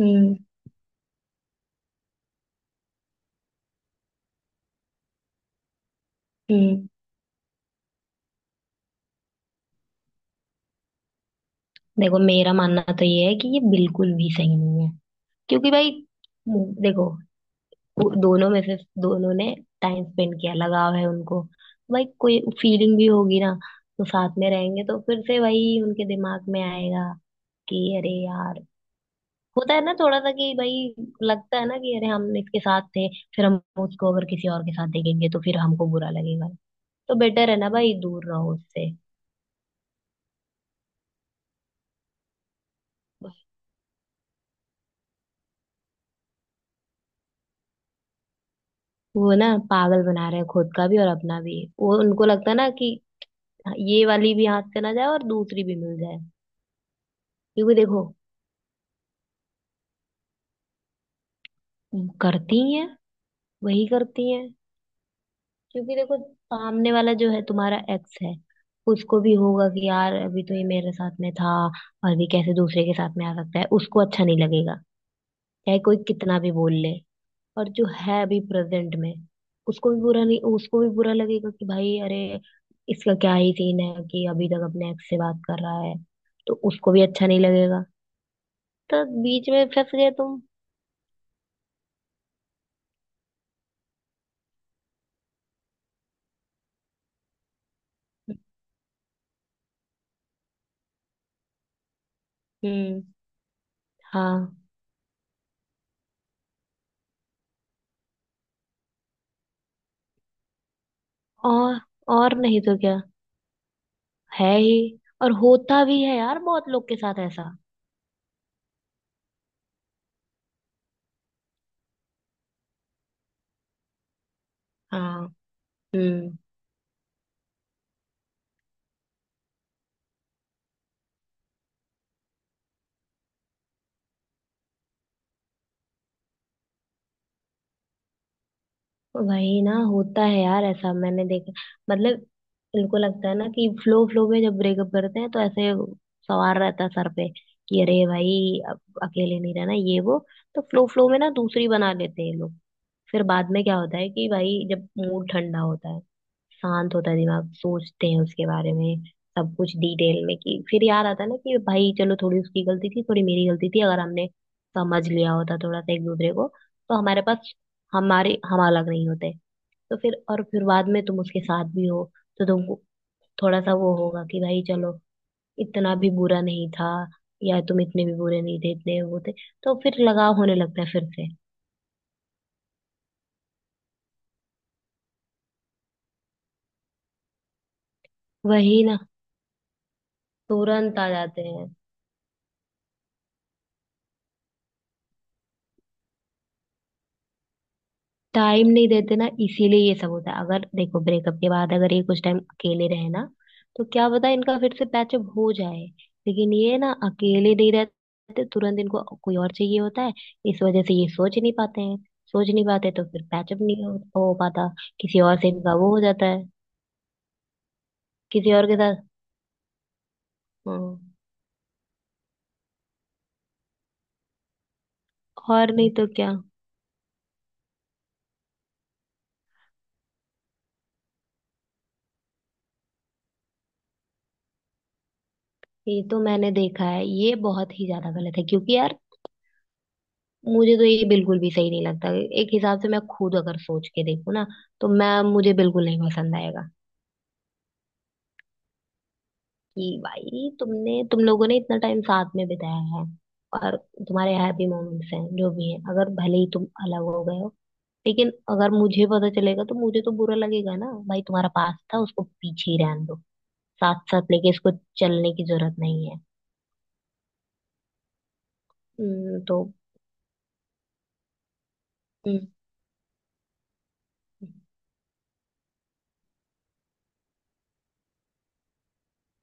हम्म हम्म देखो मेरा मानना तो ये है कि ये बिल्कुल भी सही नहीं है। क्योंकि भाई देखो, वो दोनों में से दोनों ने टाइम स्पेंड किया, लगाव है उनको। भाई कोई फीलिंग भी होगी ना, तो साथ में रहेंगे तो फिर से वही उनके दिमाग में आएगा कि अरे यार, होता है ना थोड़ा सा कि भाई लगता है ना कि अरे हम इसके साथ थे। फिर हम उसको अगर किसी और के साथ देखेंगे तो फिर हमको बुरा लगेगा। तो बेटर है ना भाई, दूर रहो उससे। वो ना पागल बना रहे हैं खुद का भी और अपना भी। वो उनको लगता है ना कि ये वाली भी हाथ से ना जाए और दूसरी भी मिल जाए। क्योंकि देखो, करती ही हैं, वही करती हैं। क्योंकि देखो, सामने वाला जो है तुम्हारा एक्स है, उसको भी होगा कि यार अभी तो ये मेरे साथ में था और भी कैसे दूसरे के साथ में आ सकता है, उसको अच्छा नहीं लगेगा। चाहे कोई कितना भी बोल ले। और जो है अभी प्रेजेंट में, उसको भी बुरा नहीं उसको भी बुरा लगेगा कि भाई अरे, इसका क्या ही सीन है कि अभी तक अपने एक्स से बात कर रहा है। तो उसको भी अच्छा नहीं लगेगा। तो बीच में फंस गए तुम। हम्म। हाँ, और और नहीं तो क्या, है ही। और होता भी है यार बहुत लोग के साथ ऐसा। हाँ। हम्म। वही ना होता है यार, ऐसा मैंने देखा। मतलब, इनको लगता है ना कि फ्लो फ्लो में जब ब्रेकअप करते हैं तो ऐसे सवार रहता है सर पे कि अरे भाई अब अकेले नहीं रहना, ये वो। तो फ्लो फ्लो में ना दूसरी बना लेते हैं ये लोग। फिर बाद में क्या होता है कि भाई जब मूड ठंडा होता है, शांत होता है दिमाग, सोचते हैं उसके बारे में सब कुछ डिटेल में, कि फिर याद आता है ना कि भाई चलो थोड़ी उसकी गलती थी, थोड़ी मेरी गलती थी, अगर हमने समझ लिया होता थोड़ा सा एक दूसरे को, तो हमारे पास हमारे हम अलग नहीं होते। तो फिर, और फिर बाद में तुम उसके साथ भी हो, तो तुमको थोड़ा सा वो होगा कि भाई चलो, इतना भी बुरा नहीं था, या तुम इतने भी बुरे नहीं थे, इतने वो थे। तो फिर लगाव होने लगता है फिर से। वही ना, तुरंत आ जाते हैं। टाइम नहीं देते ना, इसीलिए ये सब होता है। अगर देखो ब्रेकअप के बाद अगर ये कुछ टाइम अकेले रहे ना, तो क्या पता इनका फिर से पैचअप हो जाए। लेकिन ये ना अकेले नहीं रहते, तुरंत इनको कोई और चाहिए होता है। इस वजह से ये सोच नहीं पाते हैं। सोच नहीं पाते तो फिर पैचअप नहीं हो पाता। किसी और से इनका वो हो जाता है, किसी और के साथ। हाँ, और नहीं तो क्या। ये तो मैंने देखा है, ये बहुत ही ज्यादा गलत है। क्योंकि यार मुझे तो ये बिल्कुल भी सही नहीं लगता। एक हिसाब से मैं खुद अगर सोच के देखूँ ना, तो मैं मुझे बिल्कुल नहीं पसंद आएगा कि भाई तुम लोगों ने इतना टाइम साथ में बिताया है, और तुम्हारे हैप्पी मोमेंट्स हैं जो भी हैं, अगर भले ही तुम अलग हो गए हो, लेकिन अगर मुझे पता चलेगा तो मुझे तो बुरा लगेगा ना भाई, तुम्हारा पास था, उसको पीछे ही रहने दो। साथ साथ लेके इसको चलने की जरूरत नहीं है। तो, हम्म,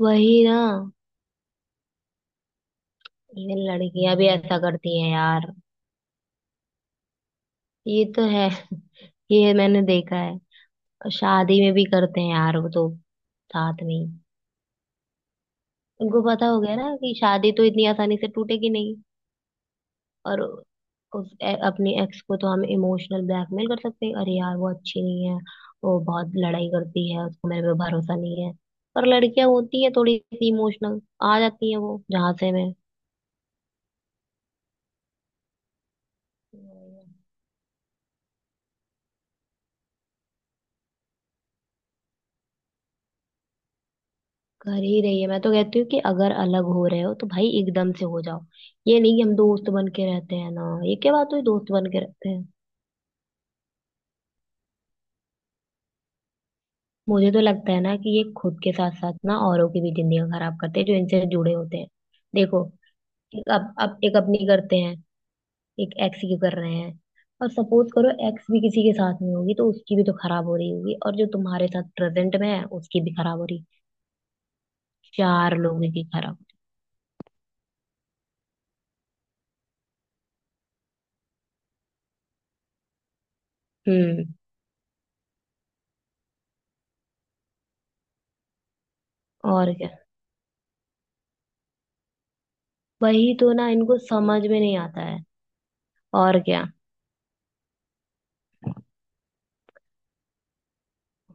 वही ना। इवन लड़कियां भी ऐसा करती हैं यार, ये तो है। ये मैंने देखा है। और शादी में भी करते हैं यार वो तो, साथ में ही। उनको पता हो गया ना कि शादी तो इतनी आसानी से टूटेगी नहीं। और अपने एक्स को तो हम इमोशनल ब्लैकमेल कर सकते हैं, अरे यार वो अच्छी नहीं है, वो बहुत लड़ाई करती है, उसको मेरे पे भरोसा नहीं है। पर लड़कियां होती है थोड़ी सी इमोशनल, आ जाती है वो जहां से में। कर ही रही है, मैं तो कहती हूँ कि अगर अलग हो रहे हो तो भाई एकदम से हो जाओ। ये नहीं कि हम दोस्त बन के रहते हैं ना, ये क्या बात हुई दोस्त बन के रहते हैं। मुझे तो लगता है ना कि ये खुद के साथ साथ ना औरों की भी जिंदगी खराब करते हैं जो इनसे जुड़े होते हैं। देखो, एक अब एक अपनी करते हैं, एक एक्स की कर रहे हैं, और सपोज करो एक्स भी किसी के साथ में होगी तो उसकी भी तो खराब हो रही होगी, और जो तुम्हारे साथ प्रेजेंट में है उसकी भी खराब हो रही। चार लोगों की खराब। हम्म। और क्या, वही तो ना, इनको समझ में नहीं आता है। और क्या,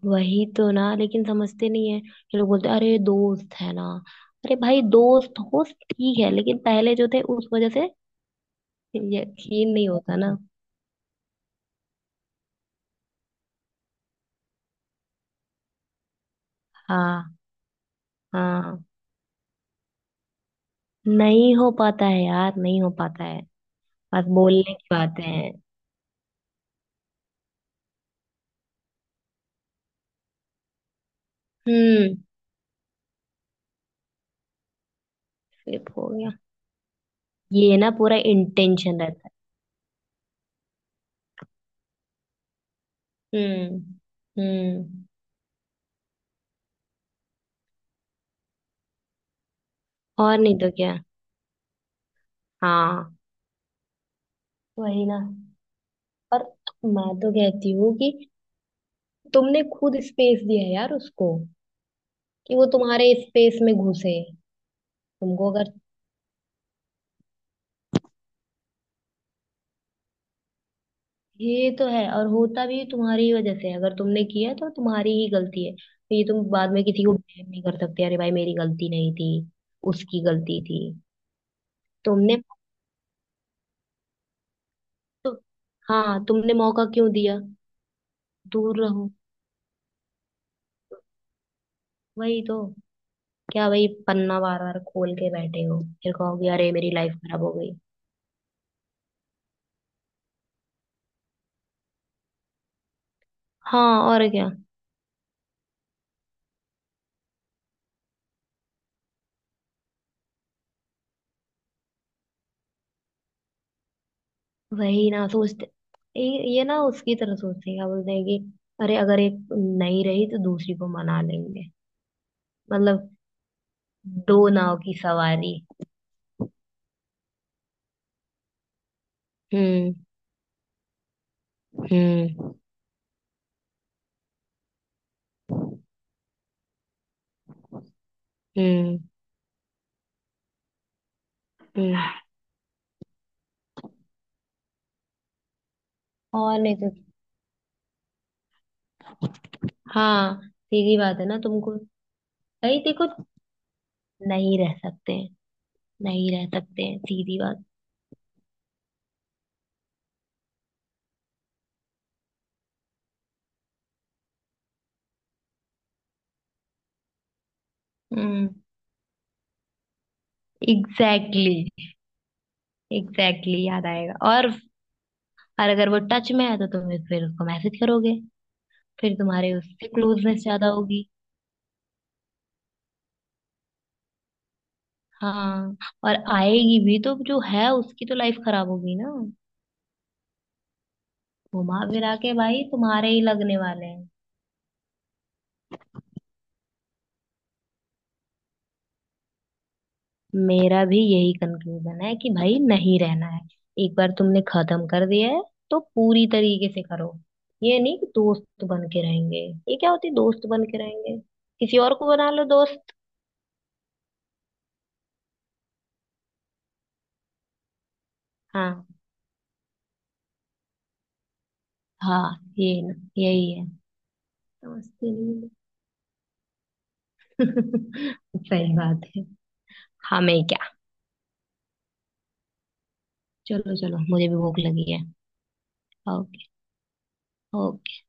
वही तो ना, लेकिन समझते नहीं है ये लोग, बोलते हैं अरे दोस्त है ना। अरे भाई दोस्त हो ठीक है, लेकिन पहले जो थे उस वजह से यकीन नहीं होता ना। हाँ। हाँ, नहीं हो पाता है यार, नहीं हो पाता है। बस बोलने की बातें हैं। हम्म। Flip हो गया, ये ना पूरा इंटेंशन रहता है। हम्म। हम्म। और नहीं तो क्या। हाँ, वही ना। पर मैं तो कहती हूँ कि तुमने खुद स्पेस दिया है यार उसको, कि वो तुम्हारे स्पेस में घुसे। तुमको अगर ये तो है, और होता भी तुम्हारी वजह से है। अगर तुमने किया तो तुम्हारी ही गलती है, तो ये तुम बाद में किसी को ब्लेम नहीं कर सकते, अरे भाई मेरी गलती नहीं थी, उसकी गलती थी। तुमने तो हाँ, तुमने मौका क्यों दिया। दूर रहो, वही तो। क्या वही पन्ना बार बार खोल के बैठे हो, फिर कहोगे अरे मेरी लाइफ खराब हो गई। हाँ और क्या। वही ना, सोचते ये ना उसकी तरह सोचते हैं, क्या बोलते हैं कि अरे अगर एक नहीं रही तो दूसरी को मना लेंगे। मतलब दो नाव की सवारी। हम्म। हम्म। हम्म। हम्म। और नहीं तो, हाँ सीधी बात है ना तुमको। भाई देखो, नहीं रह सकते हैं, नहीं रह सकते हैं, सीधी बात। हम्म। Exactly exactly. एग्जैक्टली exactly, याद आएगा। और अगर वो टच में है तो तुम फिर उसको मैसेज करोगे, फिर तुम्हारे उससे क्लोजनेस ज्यादा होगी। हाँ, और आएगी भी तो जो है उसकी तो लाइफ खराब होगी ना। घुमा फिरा के भाई तुम्हारे ही लगने वाले हैं। मेरा भी यही कंक्लूजन है कि भाई नहीं रहना है। एक बार तुमने खत्म कर दिया है, तो पूरी तरीके से करो। ये नहीं कि दोस्त बन के रहेंगे, ये क्या होती है दोस्त बन के रहेंगे। किसी और को बना लो दोस्त। हाँ। हाँ, ये ना यही है, समझते नहीं। हो। सही बात है, हमें क्या। चलो, चलो मुझे भी भूख लगी है। ओके। ओके।